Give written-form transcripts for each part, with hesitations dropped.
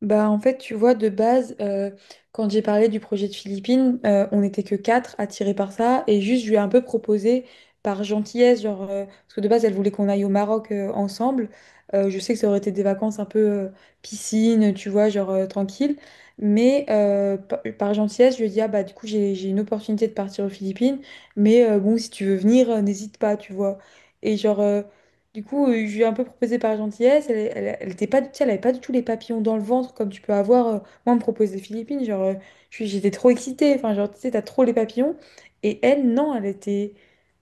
Bah, en fait, tu vois, de base, quand j'ai parlé du projet de Philippines, on n'était que quatre attirés par ça. Et juste, je lui ai un peu proposé par gentillesse, genre, parce que de base, elle voulait qu'on aille au Maroc ensemble. Je sais que ça aurait été des vacances un peu piscine, tu vois, genre tranquille. Mais par gentillesse, je lui ai dit, ah bah, du coup, j'ai une opportunité de partir aux Philippines. Mais bon, si tu veux venir, n'hésite pas, tu vois. Et genre, du coup, je lui ai un peu proposé par gentillesse. Elle était pas, tu sais, elle avait pas du tout les papillons dans le ventre comme tu peux avoir. Moi, on me propose des Philippines. Genre, j'étais trop excitée. Enfin, genre, tu sais, t'as trop les papillons. Et elle, non, elle était,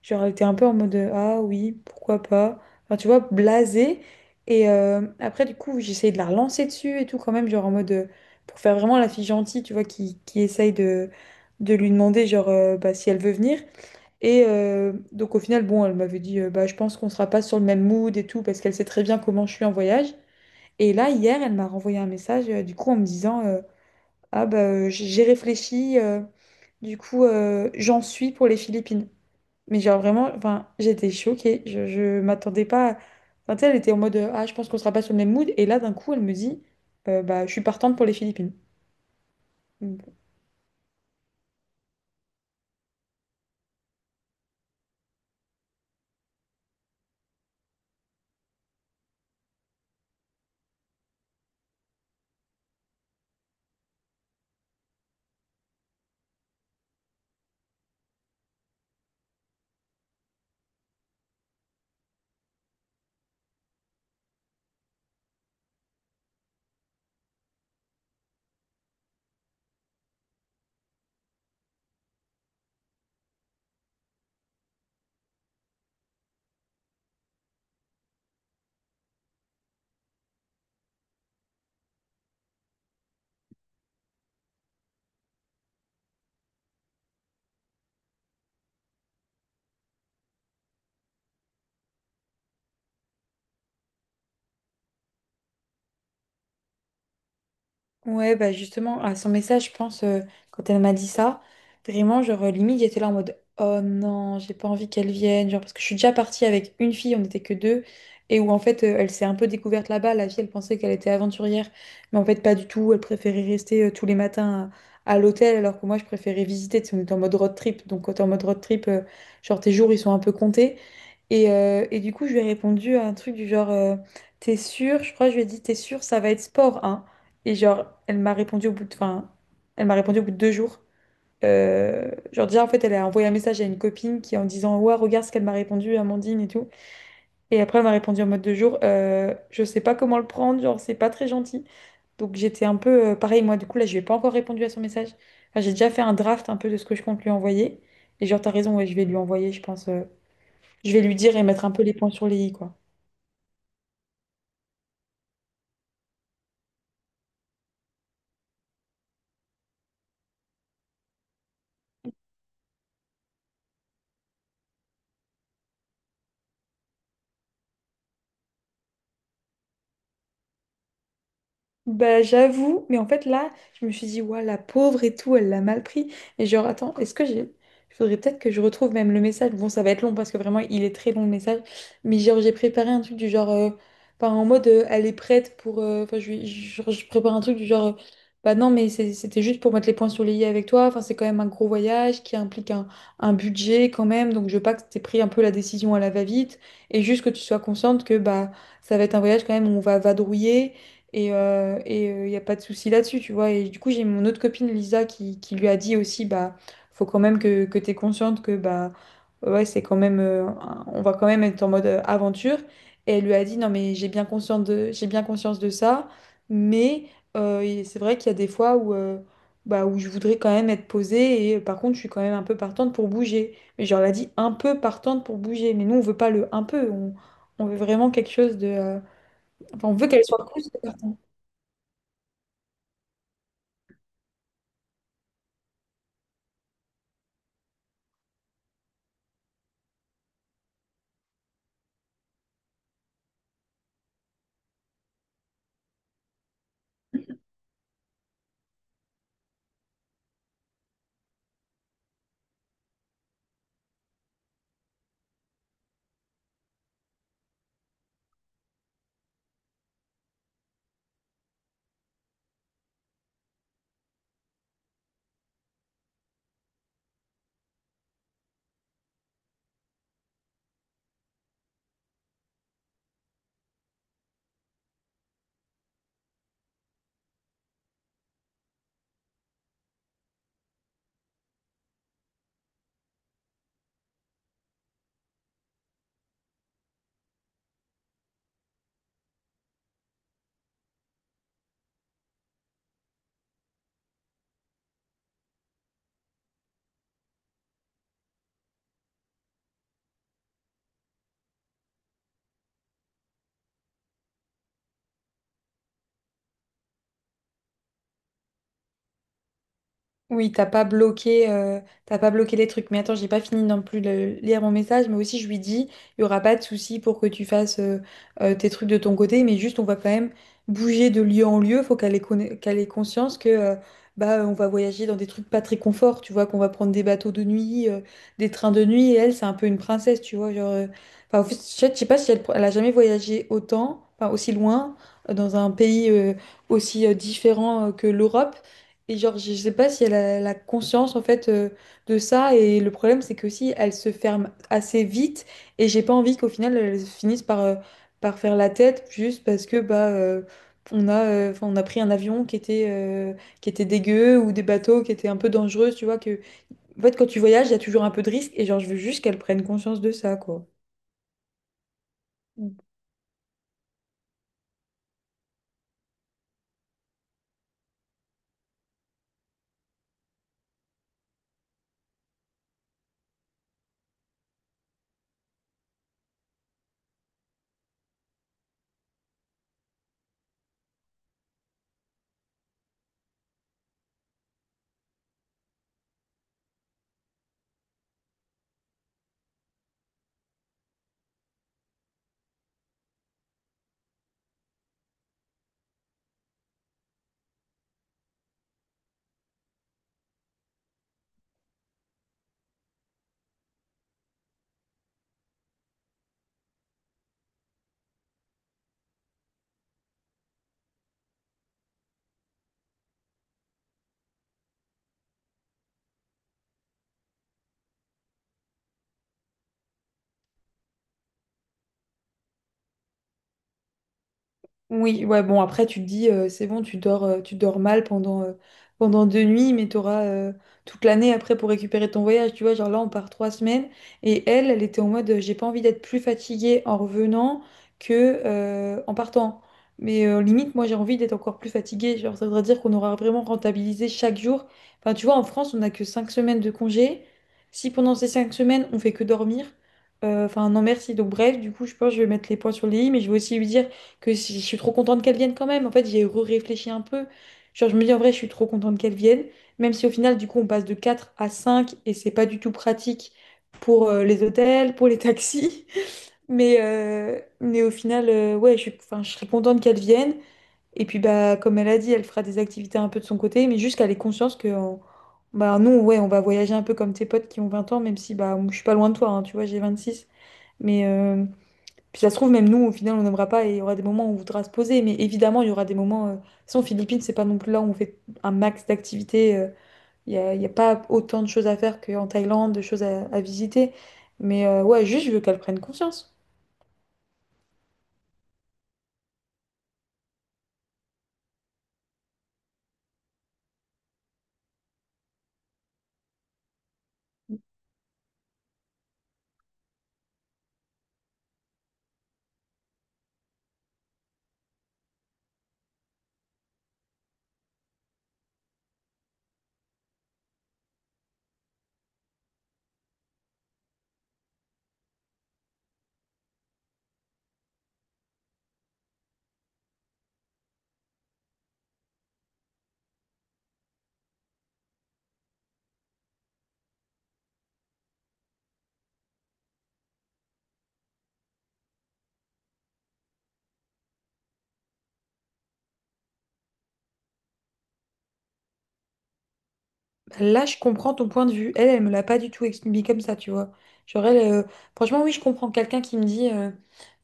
genre, elle était un peu en mode ah oui, pourquoi pas. Enfin, tu vois, blasée. Et après, du coup, j'ai essayé de la relancer dessus et tout quand même, genre en mode pour faire vraiment la fille gentille, tu vois, qui essaye de lui demander genre bah, si elle veut venir. Et donc au final, bon, elle m'avait dit, bah, je pense qu'on sera pas sur le même mood et tout, parce qu'elle sait très bien comment je suis en voyage. Et là, hier, elle m'a renvoyé un message, du coup, en me disant, ah bah, j'ai réfléchi, du coup, j'en suis pour les Philippines. Mais genre vraiment, enfin, j'étais choquée, je m'attendais pas. Enfin, tu sais, elle était en mode, ah, je pense qu'on sera pas sur le même mood. Et là, d'un coup, elle me dit, bah, je suis partante pour les Philippines. Ouais, bah justement, à son message, je pense, quand elle m'a dit ça, vraiment, genre, limite, j'étais là en mode, oh non, j'ai pas envie qu'elle vienne, genre, parce que je suis déjà partie avec une fille, on n'était que deux, et où en fait, elle s'est un peu découverte là-bas, la fille, elle pensait qu'elle était aventurière, mais en fait, pas du tout, elle préférait rester tous les matins à l'hôtel, alors que moi, je préférais visiter, tu sais, on était en mode road trip, donc quand t'es en mode road trip, genre, tes jours, ils sont un peu comptés, et du coup, je lui ai répondu à un truc du genre, t'es sûre, je crois, que je lui ai dit, t'es sûre, ça va être sport, hein. Et genre, elle m'a répondu au bout de, enfin, elle m'a répondu au bout de 2 jours. Genre déjà, en fait, elle a envoyé un message à une copine qui en disant, ouais, regarde ce qu'elle m'a répondu, Amandine et tout. Et après, elle m'a répondu en mode 2 jours, je sais pas comment le prendre, genre, c'est pas très gentil. Donc j'étais un peu pareil, moi, du coup, là, je lui ai pas encore répondu à son message. Enfin, j'ai déjà fait un draft un peu de ce que je compte lui envoyer. Et genre, t'as raison, ouais, je vais lui envoyer, je pense, je vais lui dire et mettre un peu les points sur les i, quoi. Bah j'avoue, mais en fait là, je me suis dit, ouais, la pauvre et tout, elle l'a mal pris. Et genre, attends, est-ce que j'ai... Il faudrait peut-être que je retrouve même le message. Bon, ça va être long parce que vraiment, il est très long le message. Mais genre, j'ai préparé un truc du genre... Enfin, en mode, elle est prête pour... Enfin, je prépare un truc du genre... Bah non, mais c'était juste pour mettre les points sur les i avec toi. Enfin, c'est quand même un gros voyage qui implique un budget quand même. Donc, je veux pas que t'aies pris un peu la décision à la va-vite. Et juste que tu sois consciente que bah ça va être un voyage quand même où on va vadrouiller. Et y a pas de souci là-dessus, tu vois. Et du coup, j'ai mon autre copine Lisa qui lui a dit aussi, bah, faut quand même que tu consciente que, bah, ouais, c'est quand même, on va quand même être en mode aventure. Et elle lui a dit, non, mais j'ai bien conscience de, j'ai bien conscience de ça, mais et c'est vrai qu'il y a des fois où, bah, où je voudrais quand même être posée et par contre, je suis quand même un peu partante pour bouger. Mais genre, elle a dit un peu partante pour bouger. Mais nous, on veut pas le un peu, on veut vraiment quelque chose de. Enfin, on veut qu'elle soit cool. Oui, t'as pas bloqué les trucs. Mais attends, j'ai pas fini non plus de lire mon message, mais aussi je lui dis, il y aura pas de souci pour que tu fasses tes trucs de ton côté, mais juste on va quand même bouger de lieu en lieu. Faut qu'elle ait, conna- qu'elle ait conscience que bah on va voyager dans des trucs pas très confort, tu vois, qu'on va prendre des bateaux de nuit, des trains de nuit. Et elle, c'est un peu une princesse, tu vois, genre. Enfin, en fait, je sais pas si elle a jamais voyagé autant, enfin aussi loin, dans un pays aussi différent que l'Europe. Et genre, je sais pas si elle a la conscience en fait de ça. Et le problème, c'est que si elle se ferme assez vite, et j'ai pas envie qu'au final elle finisse par, par faire la tête juste parce que bah on a, 'fin, on a pris un avion qui était dégueu ou des bateaux qui étaient un peu dangereux. Tu vois que en fait, quand tu voyages, il y a toujours un peu de risque. Et genre, je veux juste qu'elle prenne conscience de ça, quoi. Oui, ouais, bon, après, tu te dis, c'est bon, tu dors mal pendant 2 nuits, mais tu auras toute l'année après pour récupérer ton voyage. Tu vois, genre là, on part 3 semaines. Et elle, elle était en mode, j'ai pas envie d'être plus fatiguée en revenant que en partant. Mais limite, moi, j'ai envie d'être encore plus fatiguée. Genre, ça voudrait dire qu'on aura vraiment rentabilisé chaque jour. Enfin, tu vois, en France, on n'a que 5 semaines de congé. Si pendant ces 5 semaines, on fait que dormir, enfin, non, merci. Donc, bref, du coup, je pense que je vais mettre les points sur les i, mais je vais aussi lui dire que si je suis trop contente qu'elle vienne quand même. En fait, j'ai réfléchi un peu. Genre, je me dis en vrai, je suis trop contente qu'elle vienne, même si au final, du coup, on passe de 4 à 5 et c'est pas du tout pratique pour les hôtels, pour les taxis. Mais au final, ouais, je suis, enfin, je serais contente qu'elle vienne. Et puis, bah, comme elle a dit, elle fera des activités un peu de son côté, mais juste qu'elle ait conscience que bah, nous, ouais, on va voyager un peu comme tes potes qui ont 20 ans, même si bah, je suis pas loin de toi, hein, tu vois, j'ai 26. Mais, puis ça se trouve, même nous, au final, on n'aimera pas et il y aura des moments où on voudra se poser. Mais évidemment, il y aura des moments. De toute façon, Philippines, c'est pas non plus là où on fait un max d'activités. Il n'y a, il y a pas autant de choses à faire qu'en Thaïlande, de choses à visiter. Mais ouais, juste, je veux qu'elle prenne conscience. Là, je comprends ton point de vue. Elle, elle me l'a pas du tout expliqué comme ça, tu vois. Genre, elle, franchement, oui, je comprends quelqu'un qui me dit,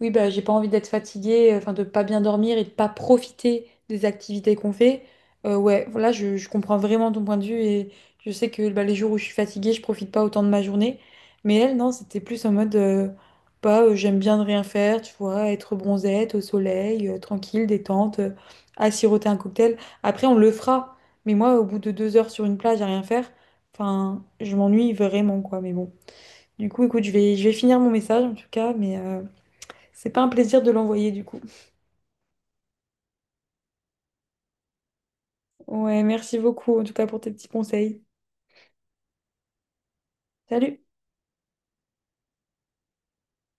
oui, bah, j'ai pas envie d'être fatiguée, enfin, de pas bien dormir et de pas profiter des activités qu'on fait. Ouais, là, je comprends vraiment ton point de vue et je sais que bah, les jours où je suis fatiguée, je profite pas autant de ma journée. Mais elle, non, c'était plus en mode, bah, j'aime bien ne rien faire, tu vois, être bronzette au soleil, tranquille, détente, à siroter un cocktail. Après, on le fera. Mais moi, au bout de 2 heures sur une plage à rien faire, enfin, je m'ennuie vraiment, quoi. Mais bon. Du coup, écoute, je vais finir mon message en tout cas, mais c'est pas un plaisir de l'envoyer du coup. Ouais, merci beaucoup en tout cas pour tes petits conseils. Salut!